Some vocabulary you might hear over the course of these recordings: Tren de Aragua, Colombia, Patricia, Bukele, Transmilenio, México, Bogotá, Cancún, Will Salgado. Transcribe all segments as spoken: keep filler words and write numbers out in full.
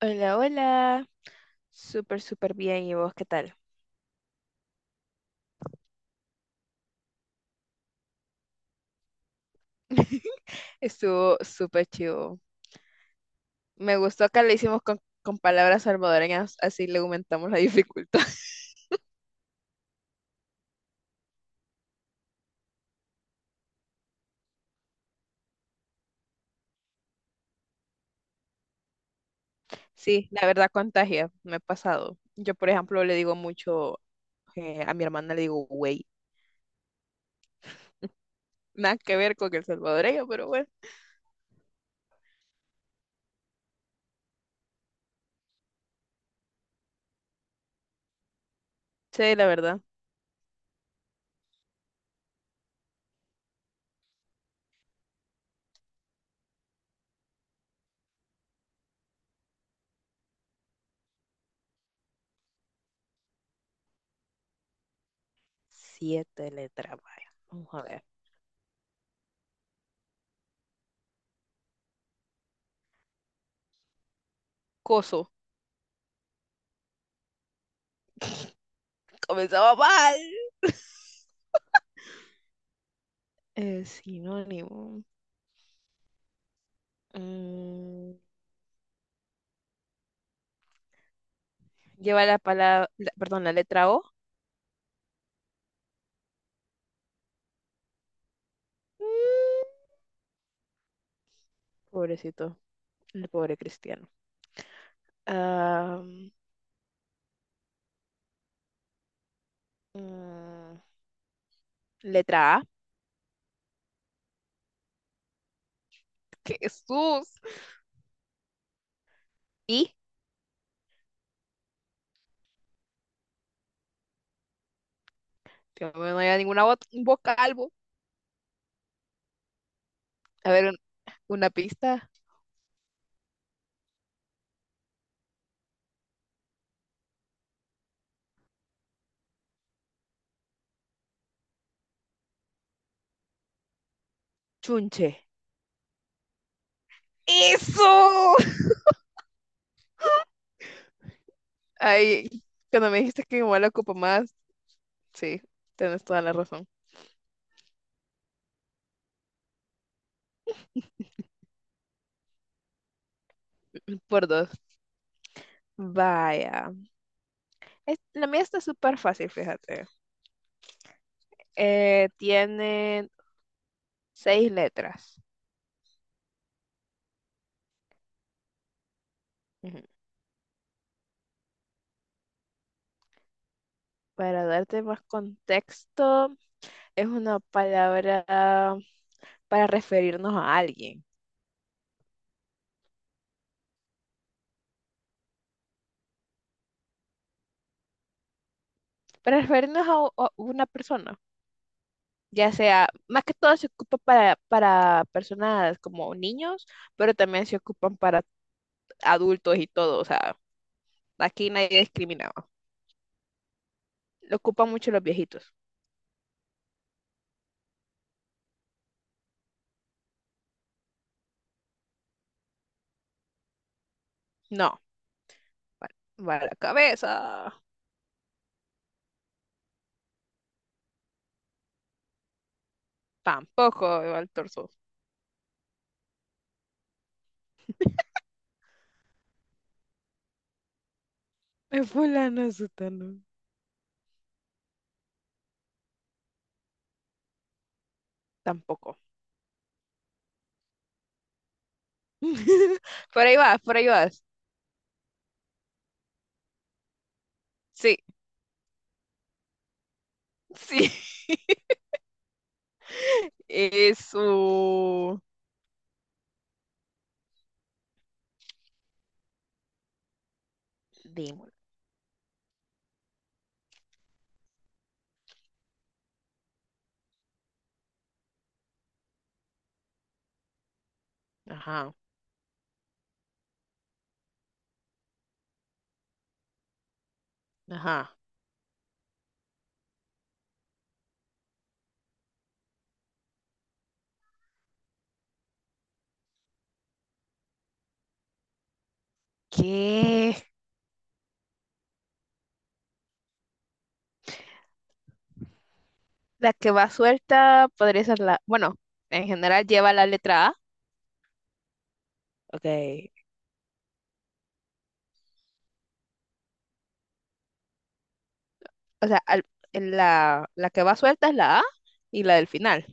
Hola, hola. Súper, súper bien. ¿Y vos qué tal? Estuvo súper chivo. Me gustó que le hicimos con, con palabras salvadoreñas, así le aumentamos la dificultad. Sí, la verdad contagia. Me ha pasado. Yo, por ejemplo, le digo mucho eh, a mi hermana, le digo, güey. Nada que ver con el salvadoreño, pero bueno. Sí, la verdad. Siete letras, vaya. Vamos a ver. Coso. Comenzaba mal. Eh, sinónimo. Mm, Lleva la palabra, perdón, la letra O. Pobrecito, el pobre cristiano. Ah, mm, letra A. Jesús. Y, Dios mío, no hay ninguna vo- vocal. Bo. A ver, un- una pista. Chunche. ¡Eso! Ay, cuando me dijiste que mi abuela ocupa más, sí, tienes toda la razón. Por dos. Vaya. Es- la mía está súper fácil, fíjate. Eh, tiene seis letras. Ujú. Para darte más contexto. Es una palabra para referirnos a alguien, para referirnos a, u- a una persona, ya sea, más que todo se ocupa para, para personas como niños, pero también se ocupan para adultos y todo, o sea, aquí nadie discriminaba. Lo ocupan mucho los viejitos. No, para, para la cabeza, tampoco, va el torso. Es fulano, sutano. Tampoco. Por ahí vas, por ahí vas. Sí, sí. Eso. Demon. Ajá, ajá. ¿Qué? La que va suelta podría ser la... Bueno, en general lleva la letra A. Ok. O sea, al- en la, la que va suelta es la A y la del final.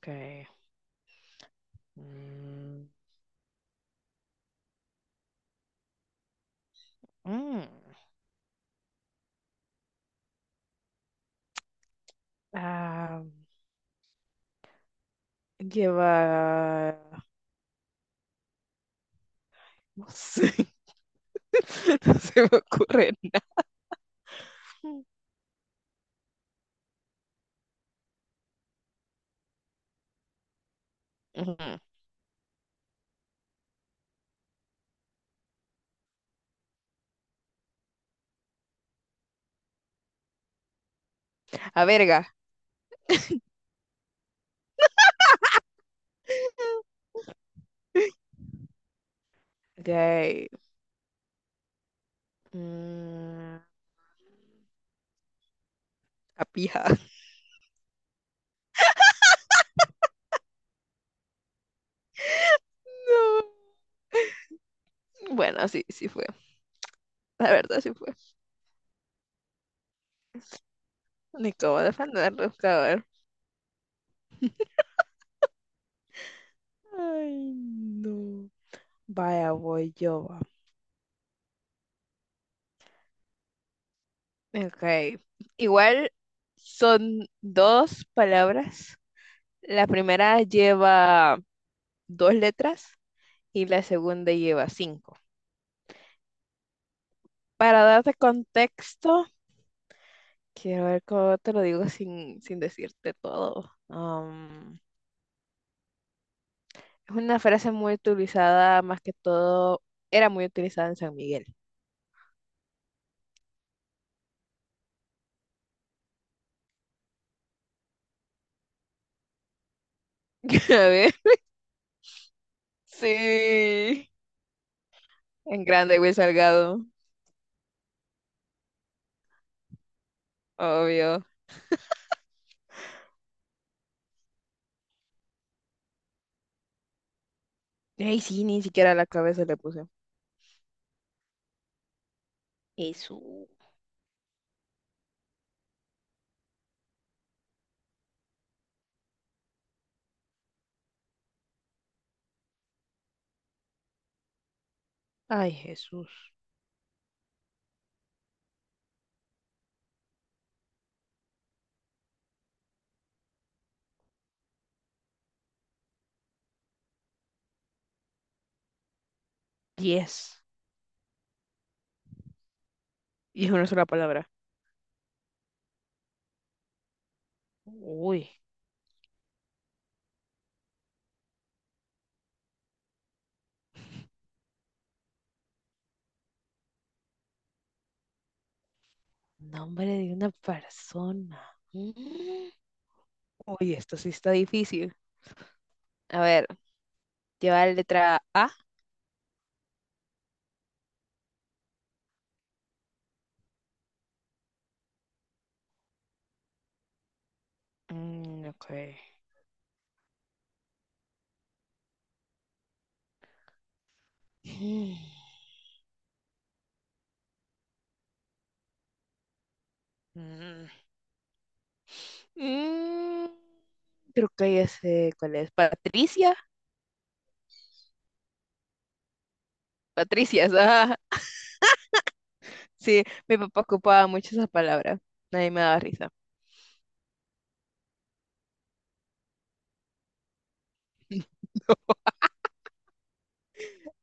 Ok. Mm, mm. Ah, lleva... No sé, no se me ocurre nada. Ujú. A verga. Ujú, ok. Mm, a pija. No. Bueno, sí, sí fue. La verdad sí fue. Ni cómo defenderlo, cabrón. Ay, no. Vaya, voy yo. Va. Ok. Igual son dos palabras. La primera lleva dos letras y la segunda lleva cinco. Para darte contexto, quiero ver cómo te lo digo sin, sin decirte todo. Am, Es una frase muy utilizada, más que todo, era muy utilizada en San Miguel. A ver. Sí. En grande, Will Salgado. Obvio. Ay, sí, ni siquiera la cabeza le puse. Jesús. Ay, Jesús. Diez. Y es una sola palabra. Uy, nombre de una persona. Mm. Uy, esto sí está difícil. A ver, lleva la letra A. Mm, ok. Mm. Mm, Mm, creo que ya sé cuál es. Patricia. Patricias. Ah, sí, mi papá ocupaba mucho esa palabra. Nadie me daba risa.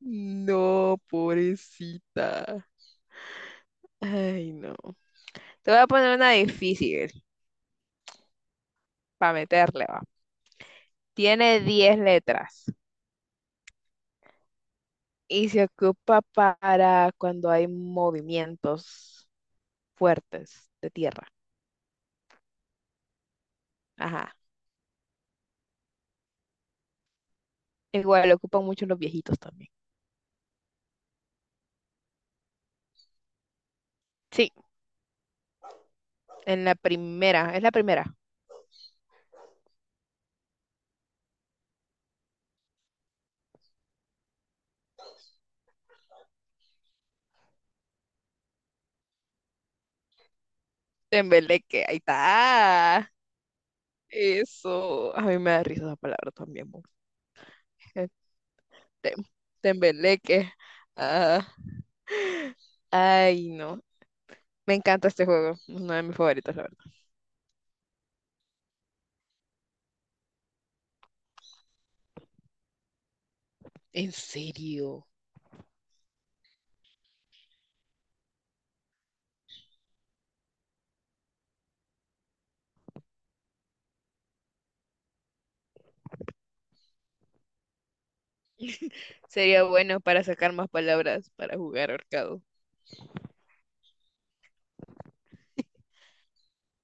No, pobrecita. Ay, no. Te voy a poner una difícil para meterle, va. Tiene diez letras y se ocupa para cuando hay movimientos fuertes de tierra. Ajá. Igual lo ocupan mucho los viejitos también. Sí, en la primera, es la primera. Tembeleque, ahí está. Eso, a mí me da risa esa palabra también. Mujer. Tem- Tembeleque. Ah, ay, no. Me encanta este juego. Es uno de mis favoritos, la verdad. ¿En serio? Sería bueno para sacar más palabras para jugar ahorcado.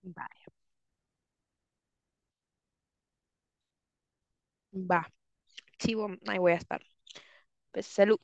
Va, va. Chivo, ahí voy a estar. Pues, salud.